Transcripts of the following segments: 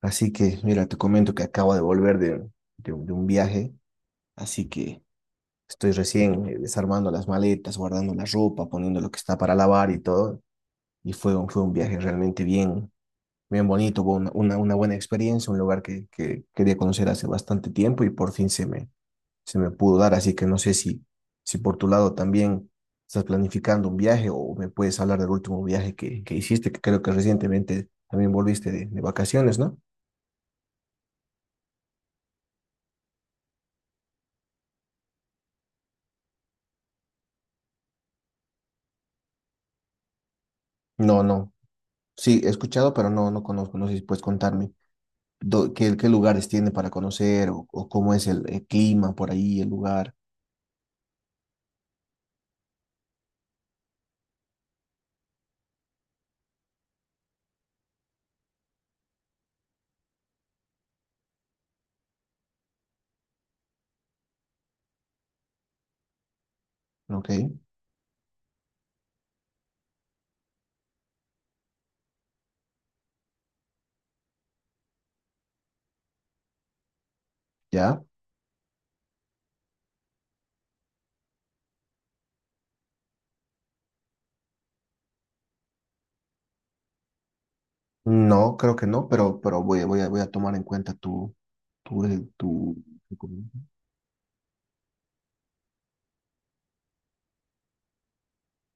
Así que, mira, te comento que acabo de volver de, de un viaje, así que estoy recién desarmando las maletas, guardando la ropa, poniendo lo que está para lavar y todo. Y fue un viaje realmente bien, bien bonito, fue una buena experiencia, un lugar que quería conocer hace bastante tiempo y por fin se me pudo dar. Así que no sé si por tu lado también estás planificando un viaje o me puedes hablar del último viaje que hiciste, que creo que recientemente también volviste de vacaciones, ¿no? No, no. Sí, he escuchado, pero no, no conozco. No sé si puedes contarme qué, qué lugares tiene para conocer o cómo es el clima por ahí, el lugar. Ok, ya. No, creo que no, pero voy a tomar en cuenta tu, eh, tu, tu comentario.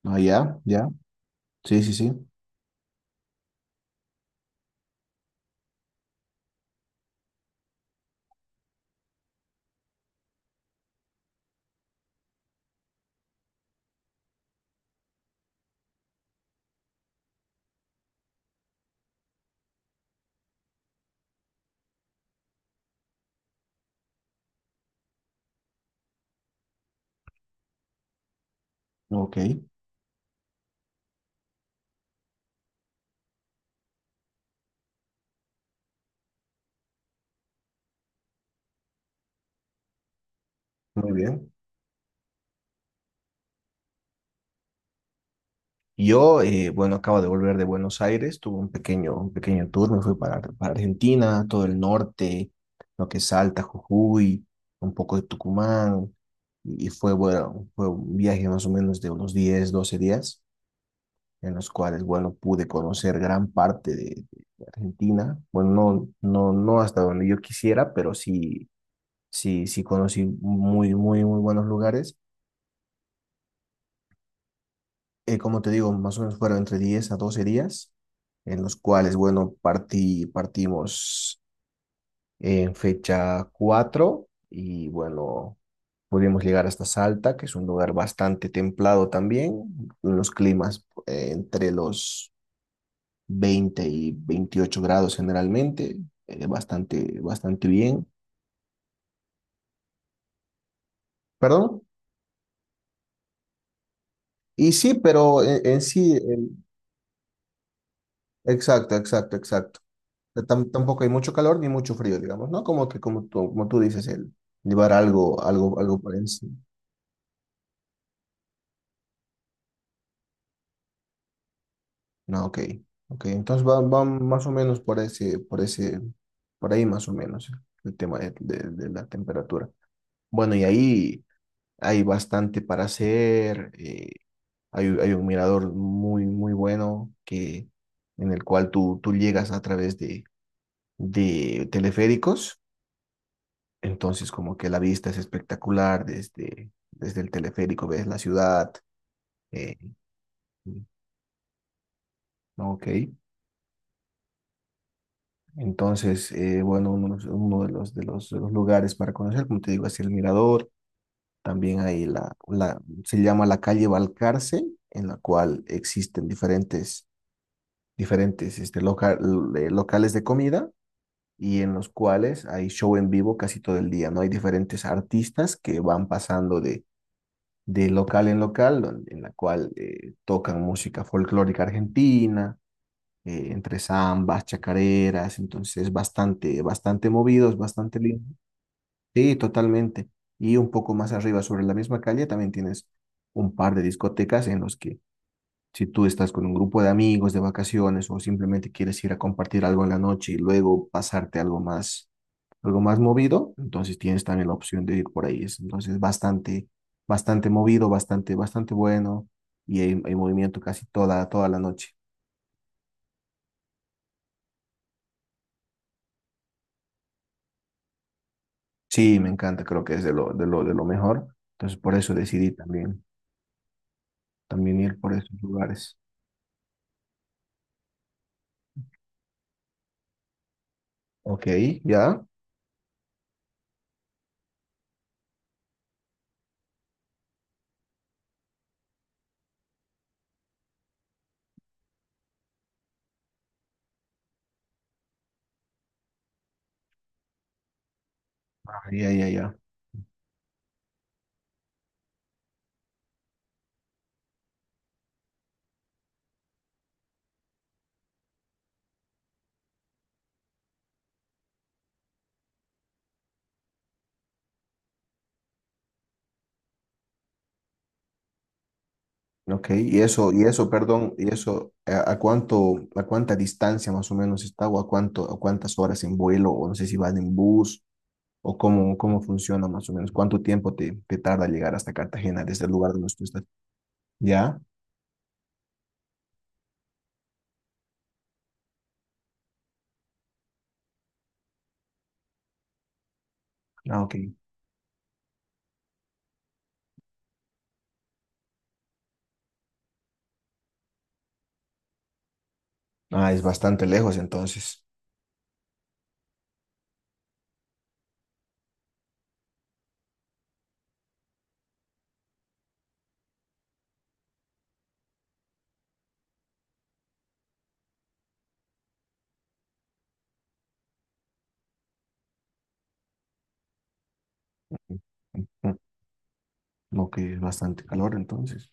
Ah, ya, ya. Sí, sí, sí. Ok, muy bien. Yo, bueno, acabo de volver de Buenos Aires, tuve un pequeño tour, me fui para Argentina, todo el norte, lo que es Salta, Jujuy, un poco de Tucumán, y fue, bueno, fue un viaje más o menos de unos 10 12 días, en los cuales, bueno, pude conocer gran parte de Argentina, bueno, no, no, no hasta donde yo quisiera, pero sí, sí, sí conocí muy, muy, muy buenos lugares. Como te digo, más o menos fueron entre 10 a 12 días, en los cuales, bueno, partí, partimos en fecha 4 y, bueno, pudimos llegar hasta Salta, que es un lugar bastante templado también, unos climas entre los 20 y 28 grados generalmente, eh, bastante bien. ¿Perdón? Y sí, pero en sí, exacto, exacto, exacto. Tampoco hay mucho calor ni mucho frío, digamos, ¿no? Como que, como tú dices, el llevar algo, algo por encima. No, ok, ok. Entonces va más o menos por ese, por ese, por ahí más o menos el tema de la temperatura. Bueno, y ahí hay bastante para hacer. Hay, hay un mirador muy, muy bueno que, en el cual tú llegas a través de teleféricos. Entonces, como que la vista es espectacular desde, desde el teleférico, ves la ciudad. eh, ok. Entonces, bueno, uno de los, de los- de los lugares para conocer, como te digo, es el Mirador. También se llama la calle Balcarce, en la cual existen diferentes locales de comida y en los cuales hay show en vivo casi todo el día, ¿no? Hay diferentes artistas que van pasando de local en local, en la cual tocan música folclórica argentina entre zambas, chacareras, entonces bastante, bastante movidos, bastante lindo. Sí, totalmente. Y un poco más arriba sobre la misma calle también tienes un par de discotecas en los que si tú estás con un grupo de amigos de vacaciones o simplemente quieres ir a compartir algo en la noche y luego pasarte algo más movido, entonces tienes también la opción de ir por ahí. Es entonces bastante, bastante movido, bastante, bastante bueno y hay movimiento casi toda, toda la noche. Sí, me encanta, creo que es de lo mejor. Entonces, por eso decidí también, también ir por esos lugares. Ok, ya, Ah, ya, ya, ya. Ok, perdón, y eso, a cuánto, a cuánta distancia más o menos está o a cuánto, a cuántas horas en vuelo o no sé si van en bus o cómo, cómo funciona más o menos? ¿Cuánto tiempo te tarda llegar hasta Cartagena desde el lugar donde tú estás? ¿Ya? Ah, ok. Ah, es bastante lejos entonces. Mm, mm, mm, Ok, es bastante calor entonces.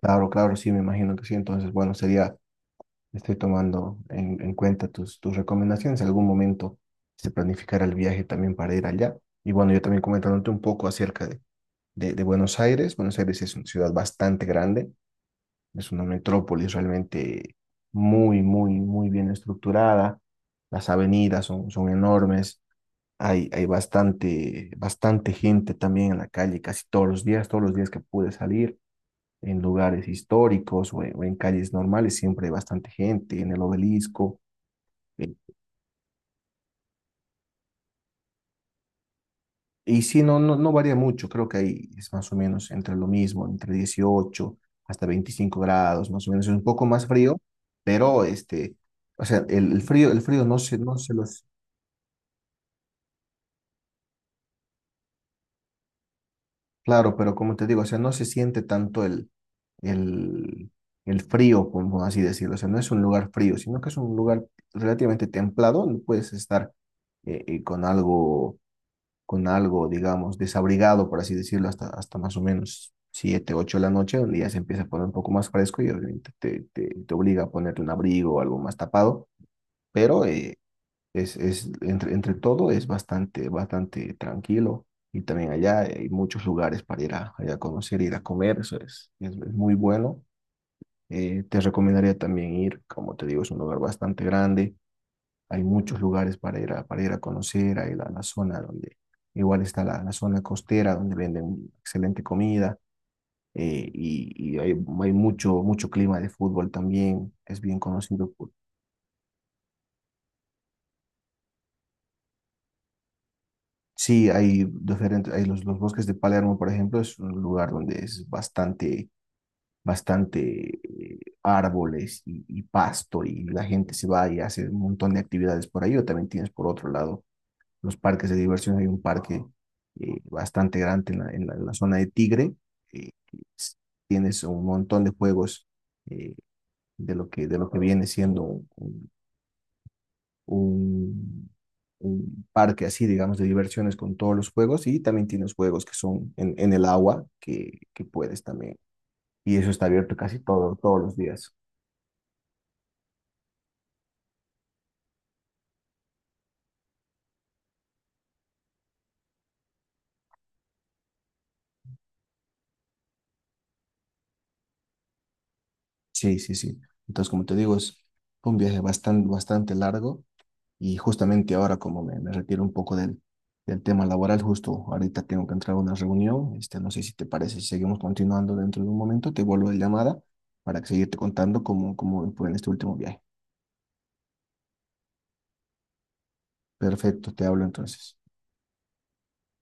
Claro, claro, sí, me imagino que sí. Entonces, bueno, sería, estoy tomando en cuenta tus, tus recomendaciones. En algún momento se planificará el viaje también para ir allá. Y bueno, yo también comentándote un poco acerca de, de Buenos Aires. Buenos Aires es una ciudad bastante grande, es una metrópolis realmente muy, muy, muy bien estructurada. Las avenidas son, son enormes. Hay bastante, bastante gente también en la calle casi todos los días que pude salir en lugares históricos o en calles normales, siempre hay bastante gente, en el obelisco. eh, y sí, no, no, no varía mucho, creo que ahí es más o menos entre lo mismo, entre 18 hasta 25 grados, más o menos, es un poco más frío, pero este, o sea, el frío no se, claro, pero como te digo, o sea, no se siente tanto el, el frío, como así decirlo, o sea, no es un lugar frío, sino que es un lugar relativamente templado, donde puedes estar eh, eh, con algo con algo, digamos, desabrigado, por así decirlo, hasta, hasta más o menos 7, 8 de la noche, donde ya se empieza a poner un poco más fresco y obviamente te, te obliga a ponerte un abrigo o algo más tapado, pero es, entre, entre todo es bastante, bastante tranquilo y también allá hay muchos lugares para ir a, ir a conocer, ir a comer, eso es muy bueno. Te recomendaría también ir, como te digo, es un lugar bastante grande, hay muchos lugares para ir a conocer, hay la zona donde igual está la, la zona costera donde venden excelente comida y hay mucho, mucho clima de fútbol también, es bien conocido. Sí, hay diferentes, los bosques de Palermo, por ejemplo, es un lugar donde es bastante, bastante árboles y pasto y la gente se va y hace un montón de actividades por ahí o también tienes por otro lado los parques de diversión. Hay un parque bastante grande en en la zona de Tigre. eh, que es- Tienes un montón de juegos eh, de lo que viene siendo un- un parque así, digamos, de diversiones con todos los juegos y también tienes juegos que son en el agua que puedes también. Y eso está abierto casi todo, todos los días. Sí, sí, sí. Entonces, como te digo, es un viaje bastante, bastante largo. Y justamente ahora, como me retiro un poco del tema laboral, justo ahorita tengo que entrar a una reunión. Este, no sé si te parece, si seguimos continuando dentro de un momento, te vuelvo la llamada para que seguirte contando cómo, cómo fue en este último viaje. Perfecto, te hablo entonces.